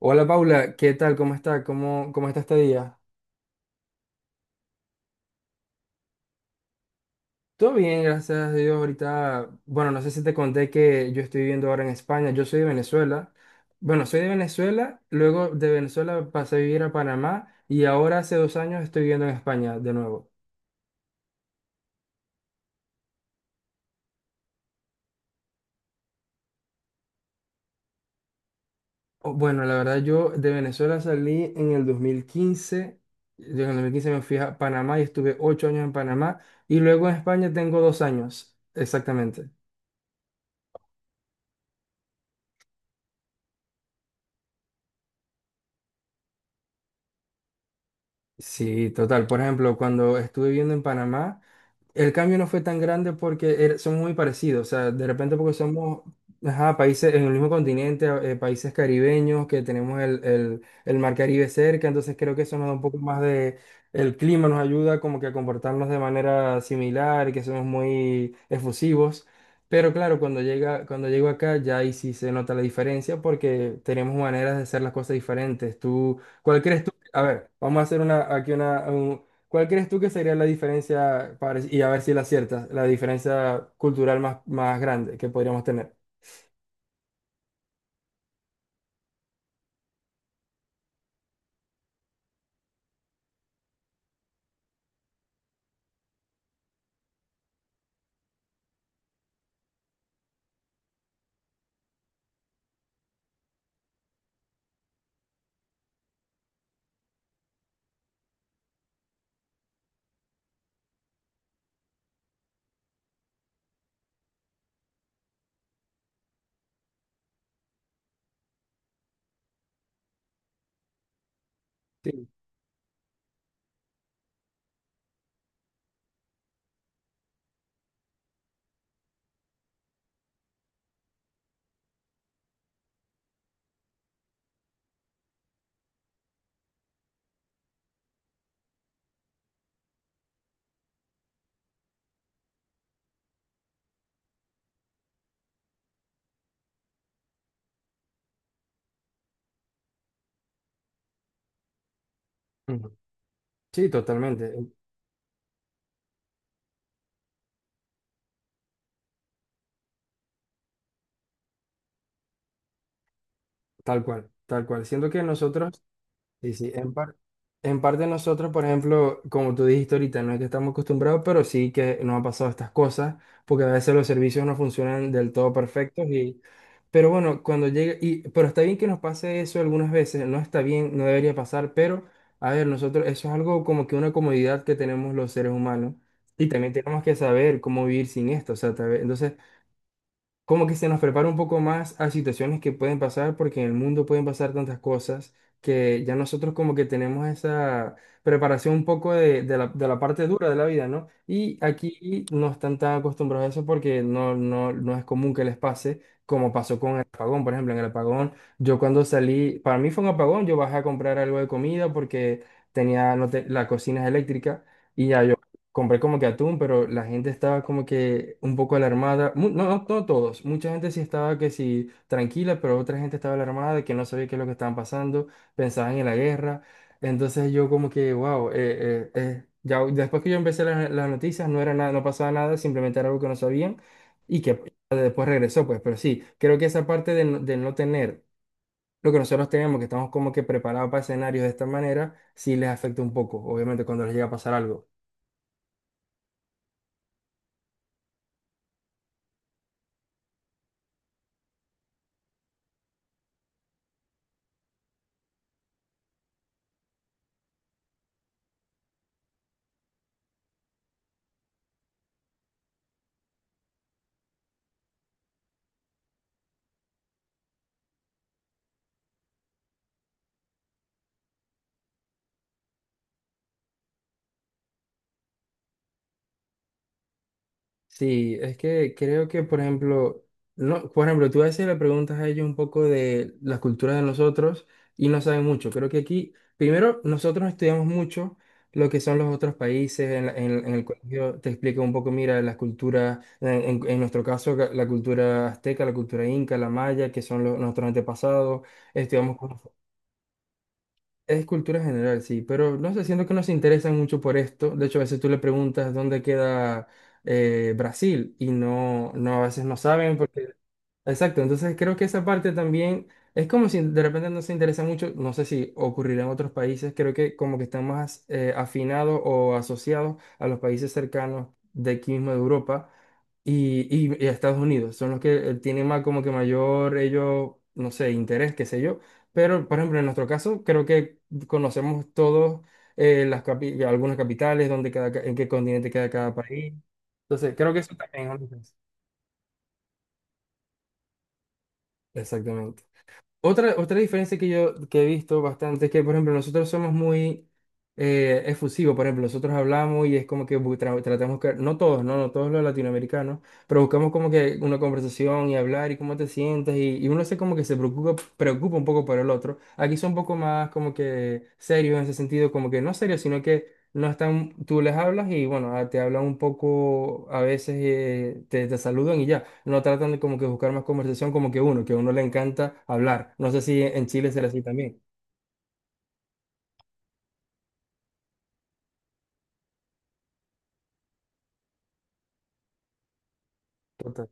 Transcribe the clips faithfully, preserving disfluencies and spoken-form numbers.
Hola Paula, ¿qué tal? ¿Cómo está? ¿Cómo, cómo está este día? Todo bien, gracias a Dios. Ahorita, bueno, no sé si te conté que yo estoy viviendo ahora en España. Yo soy de Venezuela. Bueno, soy de Venezuela, luego de Venezuela pasé a vivir a Panamá y ahora hace dos años estoy viviendo en España de nuevo. Oh, Bueno, la verdad yo de Venezuela salí en el dos mil quince. Yo en el dos mil quince me fui a Panamá y estuve ocho años en Panamá y luego en España tengo dos años, exactamente. Sí, total. Por ejemplo, cuando estuve viviendo en Panamá, el cambio no fue tan grande porque er- somos muy parecidos. O sea, de repente porque somos, ajá, países en el mismo continente, eh, países caribeños, que tenemos el, el, el mar Caribe cerca, entonces creo que eso nos da un poco más de. El clima nos ayuda como que a comportarnos de manera similar, y que somos muy efusivos. Pero claro, cuando llega, cuando llego acá, ya ahí sí se nota la diferencia porque tenemos maneras de hacer las cosas diferentes. ¿Tú, cuál crees a ver, vamos a hacer una, aquí una, un- ¿cuál crees tú que sería la diferencia, para- y a ver si la aciertas, la diferencia cultural más, más grande que podríamos tener? Sí. Ujú. Sí, totalmente, tal cual, tal cual. Siento que nosotros. Sí, sí, en par- en parte nosotros, por ejemplo, como tú dijiste ahorita, no es que estamos acostumbrados, pero sí que nos ha pasado estas cosas, porque a veces los servicios no funcionan del todo perfectos y, pero bueno, cuando llega, y, pero está bien que nos pase eso algunas veces, no está bien, no debería pasar, pero a ver, nosotros, eso es algo como que una comodidad que tenemos los seres humanos y también tenemos que saber cómo vivir sin esto, o sea, tal vez- entonces como que se nos prepara un poco más a situaciones que pueden pasar, porque en el mundo pueden pasar tantas cosas que ya nosotros como que tenemos esa preparación un poco de, de la, de la parte dura de la vida, ¿no? Y aquí no están tan acostumbrados a eso porque no, no, no es común que les pase. como pasó con el apagón, por ejemplo, en el apagón, yo cuando salí, para mí fue un apagón, yo bajé a comprar algo de comida porque tenía, no te- la cocina es eléctrica y ya yo compré como que atún, pero la gente estaba como que un poco alarmada. Mu- No, no, no todos. Mucha gente sí estaba que sí tranquila, pero otra gente estaba alarmada de que no sabía qué es lo que estaban pasando, pensaban en la guerra. Entonces yo como que, wow, eh, eh, eh, ya después que yo empecé las, las noticias no era nada, no pasaba nada, simplemente era algo que no sabían y que después regresó, pues. Pero sí, creo que esa parte de, no- de no tener lo que nosotros tenemos, que estamos como que preparados para escenarios de esta manera, sí les afecta un poco, obviamente, cuando les llega a pasar algo. Sí, es que creo que, por ejemplo, no, por ejemplo, tú a veces le preguntas a ellos un poco de la cultura de nosotros y no saben mucho. Creo que aquí, primero, nosotros estudiamos mucho lo que son los otros países. En, la- en- en el colegio te explica un poco, mira, las culturas, en, en- en nuestro caso, ca- la cultura azteca, la cultura inca, la maya, que son los- nuestros antepasados. Estudiamos. Es cultura general, sí, pero no sé, siento que no se interesan mucho por esto. De hecho, a veces tú le preguntas dónde queda eh, Brasil y no, no, a veces no saben porque. Exacto, entonces creo que esa parte también es como si de repente no se interesa mucho, no sé si ocurrirá en otros países, creo que como que están más eh, afinados o asociados a los países cercanos de aquí mismo de Europa y, y- y a Estados Unidos, son los que eh, tienen más como que mayor ellos, no sé, interés, qué sé yo, pero por ejemplo en nuestro caso creo que conocemos todos eh, las capi- algunas capitales, donde cada, ca- en qué continente queda cada país, entonces creo que eso también es una diferencia. Exactamente. Otra, otra diferencia que yo que he visto bastante es que, por ejemplo, nosotros somos muy eh, efusivos. Por ejemplo, nosotros hablamos y es como que bu- tra- tratamos que, no todos, no, no todos los latinoamericanos, pero buscamos como que una conversación y hablar y cómo te sientes y, y uno se como que se preocupa, preocupa un poco por el otro. Aquí son un poco más como que serios en ese sentido, como que no serios, sino que no están, tú les hablas y bueno, ah, te hablan un poco, a veces eh, te, te saludan y ya, no tratan de como que buscar más conversación como que uno, que a uno le encanta hablar. No sé si en Chile será así también. Total.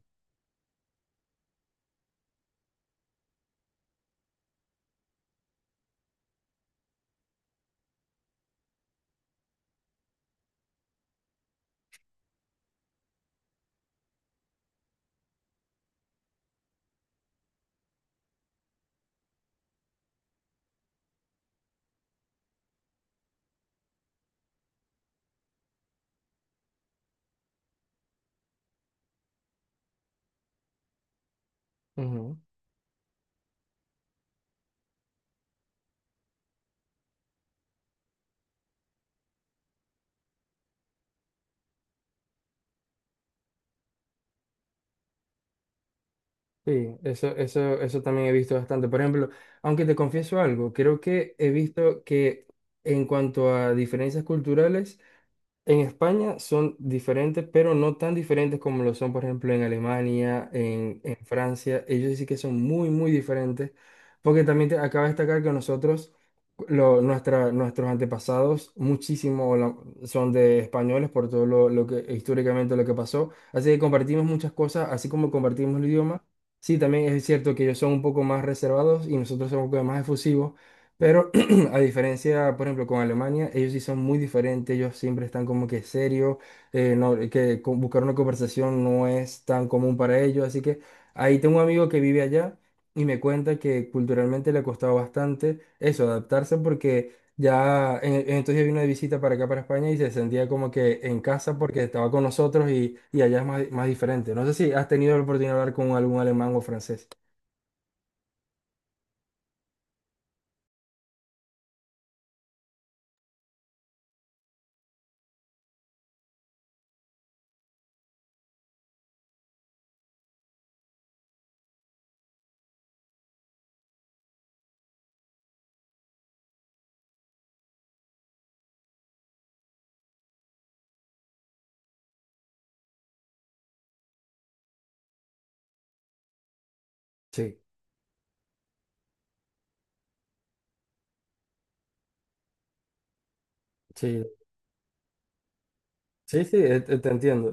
Ujú. Sí, eso, eso, eso también he visto bastante. Por ejemplo, aunque te confieso algo, creo que he visto que en cuanto a diferencias culturales, En España son diferentes, pero no tan diferentes como lo son, por ejemplo, en Alemania, en, en Francia. Ellos sí que son muy, muy diferentes, porque también te, acaba de destacar que nosotros, lo- nuestra, nuestros antepasados, muchísimo la- son de españoles por todo lo, lo que históricamente lo que pasó. Así que compartimos muchas cosas, así como compartimos el idioma. Sí, también es cierto que ellos son un poco más reservados y nosotros somos un poco más efusivos, pero a diferencia, por ejemplo, con Alemania, ellos sí son muy diferentes, ellos siempre están como que serios, eh, no, eh, que co- buscar una conversación no es tan común para ellos, así que ahí tengo un amigo que vive allá y me cuenta que culturalmente le ha costado bastante eso, adaptarse, porque ya en, en estos días vino de visita para acá, para España, y se sentía como que en casa porque estaba con nosotros y, y allá es más, más diferente. No sé si has tenido la oportunidad de hablar con algún alemán o francés. Sí, sí, sí, sí, eh, eh, te entiendo.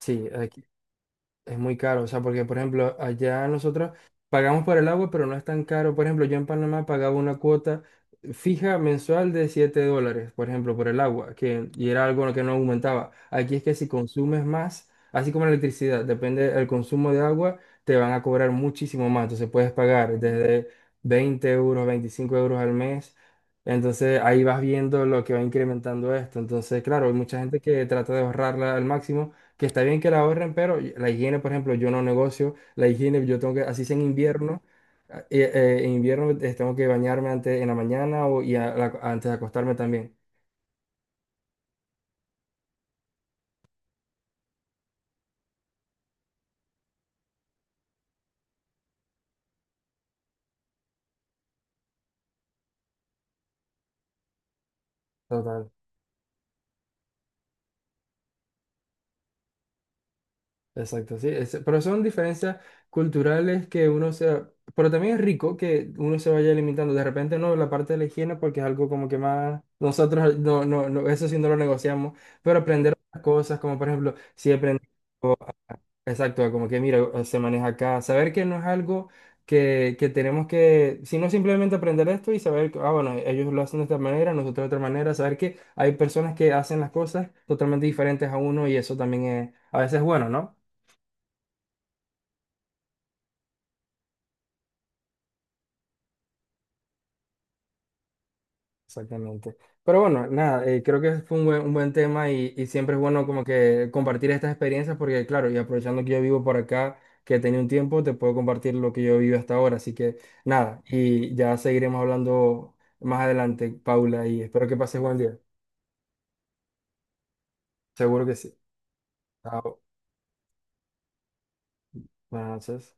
Sí, aquí. Es muy caro, o sea, porque por ejemplo, allá nosotros pagamos por el agua, pero no es tan caro. Por ejemplo, yo en Panamá pagaba una cuota fija mensual de siete dólares, por ejemplo, por el agua, que, y era algo que no aumentaba. Aquí es que si consumes más, así como la electricidad, depende del consumo de agua, te van a cobrar muchísimo más. Entonces puedes pagar desde veinte euros, veinticinco euros al mes. Entonces ahí vas viendo lo que va incrementando esto. Entonces, claro, hay mucha gente que trata de ahorrarla al máximo que está bien que la ahorren, pero la higiene, por ejemplo, yo no negocio, la higiene yo tengo que, así sea en invierno, ah, eh, eh, en invierno eh, tengo que bañarme antes en la mañana o, y a- la- antes de acostarme también. Total, exacto, sí, es- pero son diferencias culturales que uno se. Pero también es rico que uno se vaya limitando. De repente no la parte de la higiene porque es algo como que más. Nosotros no, no, no, eso sí no lo negociamos, pero aprender otras cosas, como por ejemplo, si aprendemos. Exacto, como que mira, eh, se maneja acá. Saber que no es algo que, que tenemos que, sino simplemente aprender esto y saber que, ah, bueno, ellos lo hacen de esta manera, nosotros de otra manera. Saber que hay personas que hacen las cosas totalmente diferentes a uno y eso también es, a veces bueno, ¿no? Exactamente. Pero bueno, nada, eh, creo que fue un buen, un buen tema y, y siempre es bueno como que compartir estas experiencias porque claro, y aprovechando que yo vivo por acá, que he tenido un tiempo, te puedo compartir lo que yo vivo hasta ahora. Así que nada, y ya seguiremos hablando más adelante, Paula, y espero que pases buen día. Seguro que sí. Chao. Buenas noches.